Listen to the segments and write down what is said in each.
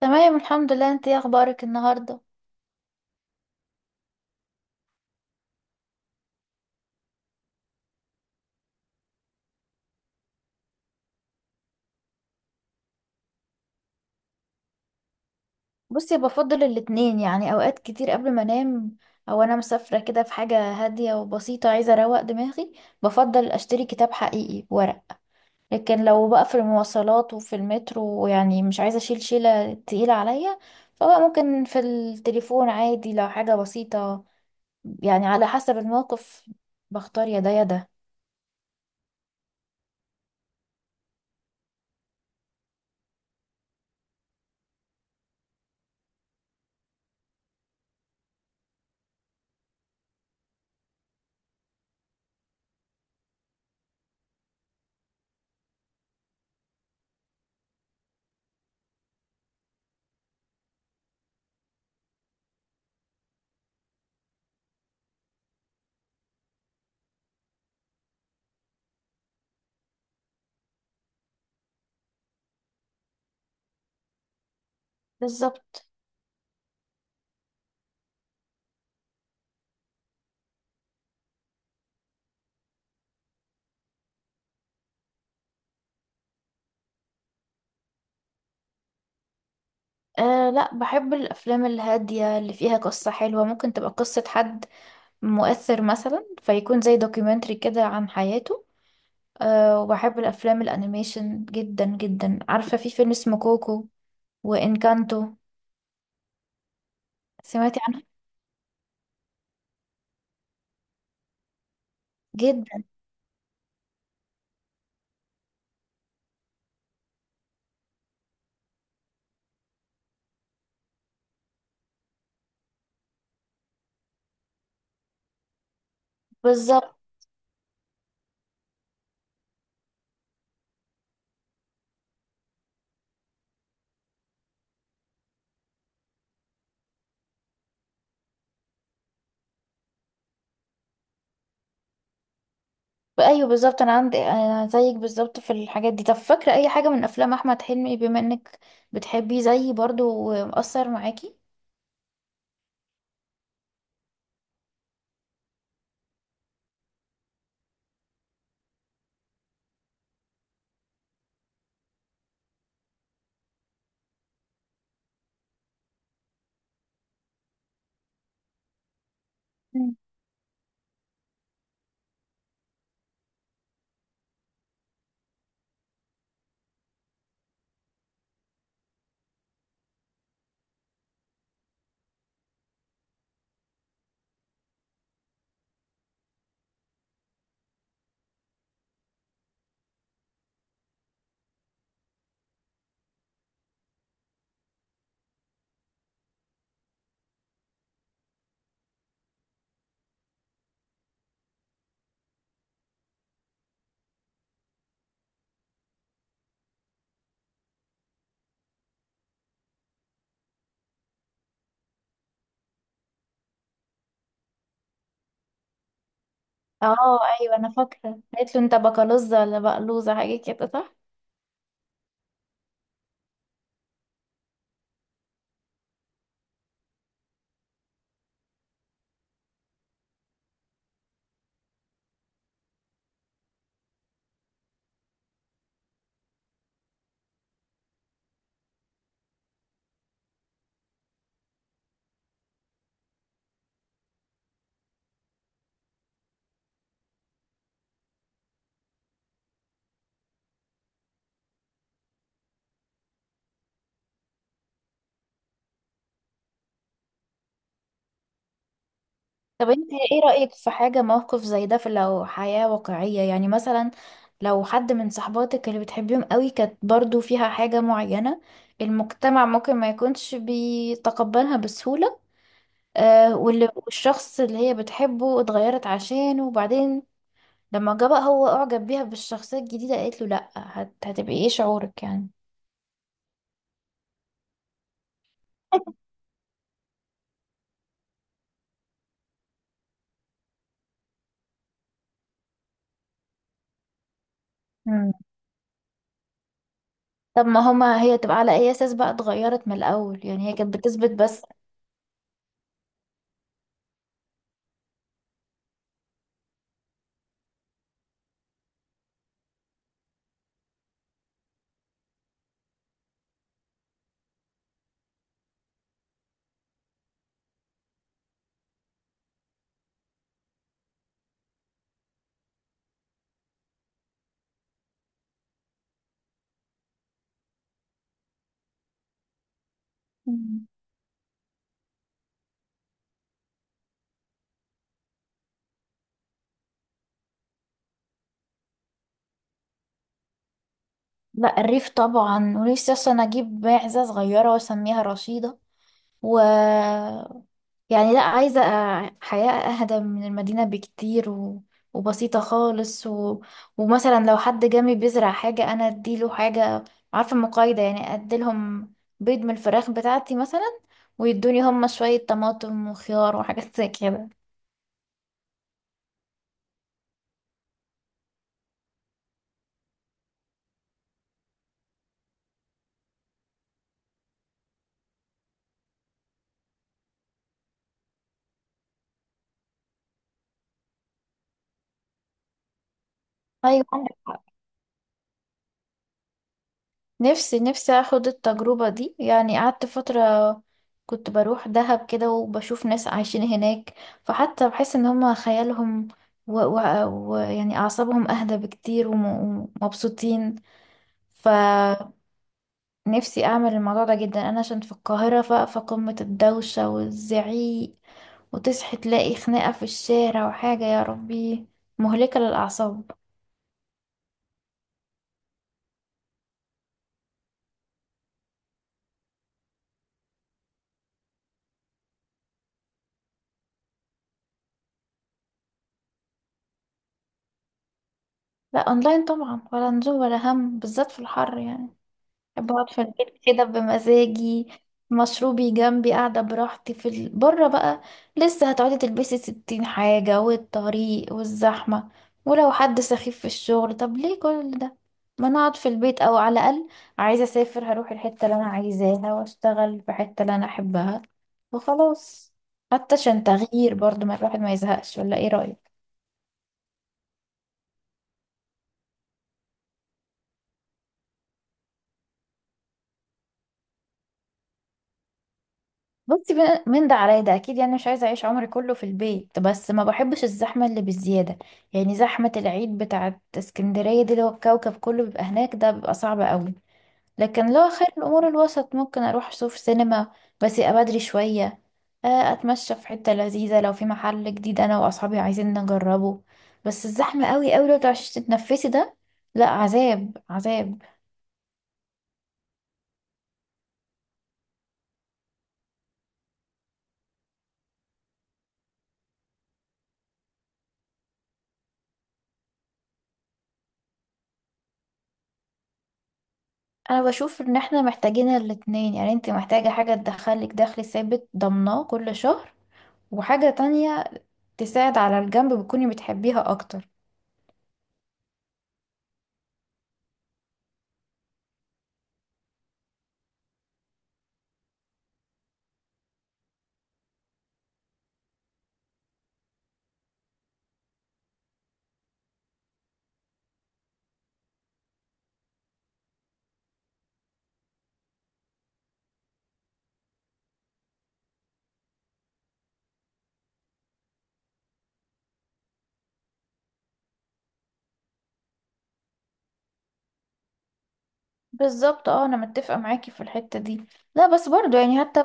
تمام، الحمد لله. انت ايه اخبارك النهارده؟ بصي، بفضل الاتنين. يعني اوقات كتير قبل ما انام او انا مسافره كده في حاجه هاديه وبسيطه عايزه اروق دماغي، بفضل اشتري كتاب حقيقي ورق. لكن لو بقى في المواصلات وفي المترو، يعني مش عايزه اشيل شيله تقيله عليا، فبقى ممكن في التليفون عادي لو حاجه بسيطه. يعني على حسب الموقف، بختار يا ده يا ده. بالظبط. آه لا، بحب الافلام الهاديه اللي فيها قصه حلوه، ممكن تبقى قصه حد مؤثر مثلا، فيكون زي دوكيومنتري كده عن حياته. أه، وبحب الأفلام الأنيميشن جدا جدا. عارفة في فيلم اسمه كوكو وإنكانتو؟ سمعتي عنه؟ جدا. بالظبط. أيوه بالظبط، أنا عندي أنا زيك بالظبط في الحاجات دي. طب فاكرة أي حاجة من أفلام أحمد حلمي، بما إنك بتحبيه زيي برضو ومؤثر معاكي؟ مم. اه ايوه انا فاكره، قالت له انت بكالوزه ولا بقلوزه حاجه كده، صح؟ طب انت ايه رأيك في حاجة موقف زي ده في لو حياة واقعية؟ يعني مثلا لو حد من صحباتك اللي بتحبيهم قوي كانت برضو فيها حاجة معينة المجتمع ممكن ما يكونش بيتقبلها بسهولة، آه، واللي والشخص اللي هي بتحبه اتغيرت عشانه وبعدين لما جه بقى هو اعجب بيها بالشخصية الجديدة قالت له لا، هتبقي ايه شعورك يعني؟ مم. طب ما هما، هي تبقى على اي اساس بقى اتغيرت من الاول؟ يعني هي كانت بتثبت بس. لا الريف طبعا، ونفسي اصلا اجيب معزة صغيرة واسميها رشيدة. و يعني لا، عايزة حياة اهدى من المدينة بكتير وبسيطة خالص ومثلا لو حد جامي بيزرع حاجة انا اديله حاجة، عارفة، مقايضة يعني، اديلهم بيض من الفراخ بتاعتي مثلا، ويدوني هما شوية طماطم وخيار وحاجات زي كده. ايوه، نفسي نفسي اخد التجربة دي. يعني قعدت فترة كنت بروح دهب كده وبشوف ناس عايشين هناك، فحتى بحس ان هما خيالهم و... و... يعني اعصابهم اهدى بكتير ومبسوطين. فنفسي اعمل الموضوع ده جدا، انا عشان في القاهرة فقمة الدوشة والزعيق، وتصحي تلاقي خناقة في الشارع وحاجة، يا ربي، مهلكة للأعصاب. لا اونلاين طبعا، ولا نزول ولا هم بالذات في الحر يعني. بحب اقعد في البيت كده بمزاجي، مشروبي جنبي، قاعدة براحتي بره بقى، لسه هتقعدي تلبسي ستين حاجة والطريق والزحمة، ولو حد سخيف في الشغل، طب ليه كل ده؟ ما نقعد في البيت، او على الاقل عايزة اسافر هروح الحتة اللي انا عايزاها واشتغل في الحتة اللي انا احبها وخلاص. حتى عشان تغيير برضو، ما الواحد ما يزهقش، ولا ايه رأيك؟ بصي بقى، من ده على ده اكيد. يعني مش عايزه اعيش عمري كله في البيت، بس ما بحبش الزحمه اللي بالزياده. يعني زحمه العيد بتاعه اسكندريه دي اللي هو الكوكب كله بيبقى هناك، ده بيبقى صعب قوي. لكن لو خير الامور الوسط، ممكن اروح اشوف سينما، بس يبقى بدري شويه، اتمشى في حته لذيذه، لو في محل جديد انا واصحابي عايزين نجربه. بس الزحمه قوي قوي، لو تعرفيش تتنفسي ده، لا عذاب عذاب. انا بشوف ان احنا محتاجين الاتنين، يعني انت محتاجة حاجة تدخلك دخل ثابت ضمناه كل شهر، وحاجة تانية تساعد على الجنب بتكوني بتحبيها اكتر. بالظبط اه، انا متفقة معاكي في الحتة دي. لا بس برضو، يعني حتى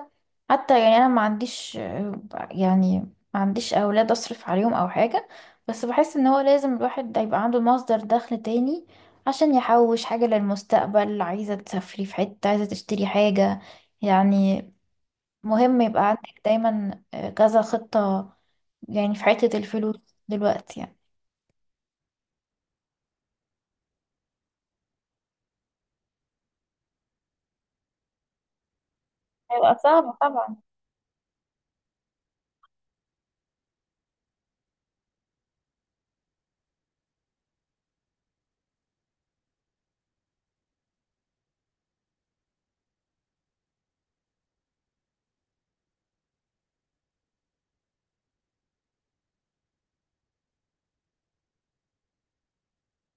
حتى يعني انا ما عنديش يعني ما عنديش اولاد اصرف عليهم او حاجة. بس بحس ان هو لازم الواحد ده يبقى عنده مصدر دخل تاني عشان يحوش حاجة للمستقبل، عايزة تسافري في حتة، عايزة تشتري حاجة يعني. مهم يبقى عندك دايما كذا خطة، يعني في حتة الفلوس دلوقتي يعني. هيبقى صعب طبعا.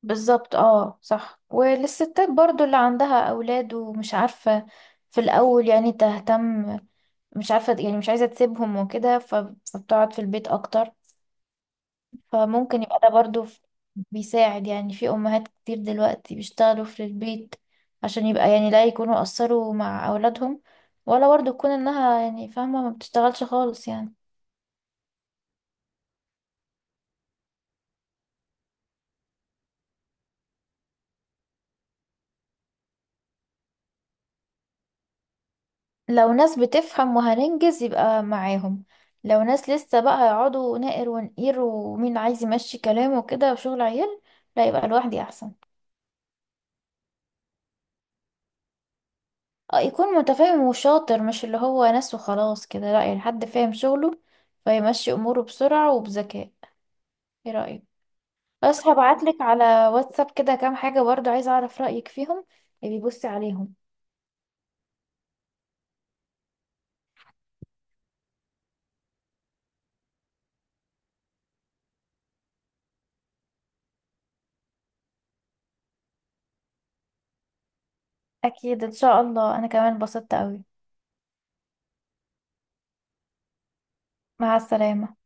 بالظبط اه صح، وللستات برضو اللي عندها أولاد ومش عارفة في الأول يعني تهتم، مش عارفة يعني مش عايزة تسيبهم وكده، فبتقعد في البيت أكتر، فممكن يبقى ده برضو بيساعد. يعني في أمهات كتير دلوقتي بيشتغلوا في البيت عشان يبقى يعني لا يكونوا قصروا مع أولادهم، ولا برضو تكون إنها يعني فاهمة ما بتشتغلش خالص يعني. لو ناس بتفهم وهننجز يبقى معاهم. لو ناس لسه بقى هيقعدوا نقر ونقير ومين عايز يمشي كلامه وكده وشغل عيال، لا يبقى لوحدي احسن. اه يكون متفاهم وشاطر، مش اللي هو ناس وخلاص كده، لا يعني حد فاهم شغله فيمشي اموره بسرعة وبذكاء. ايه رأيك؟ بس هبعتلك على واتساب كده كام حاجة برضو عايزة اعرف رأيك فيهم، يبقى بصي عليهم. اكيد ان شاء الله، انا كمان اتبسطت قوي. مع السلامة.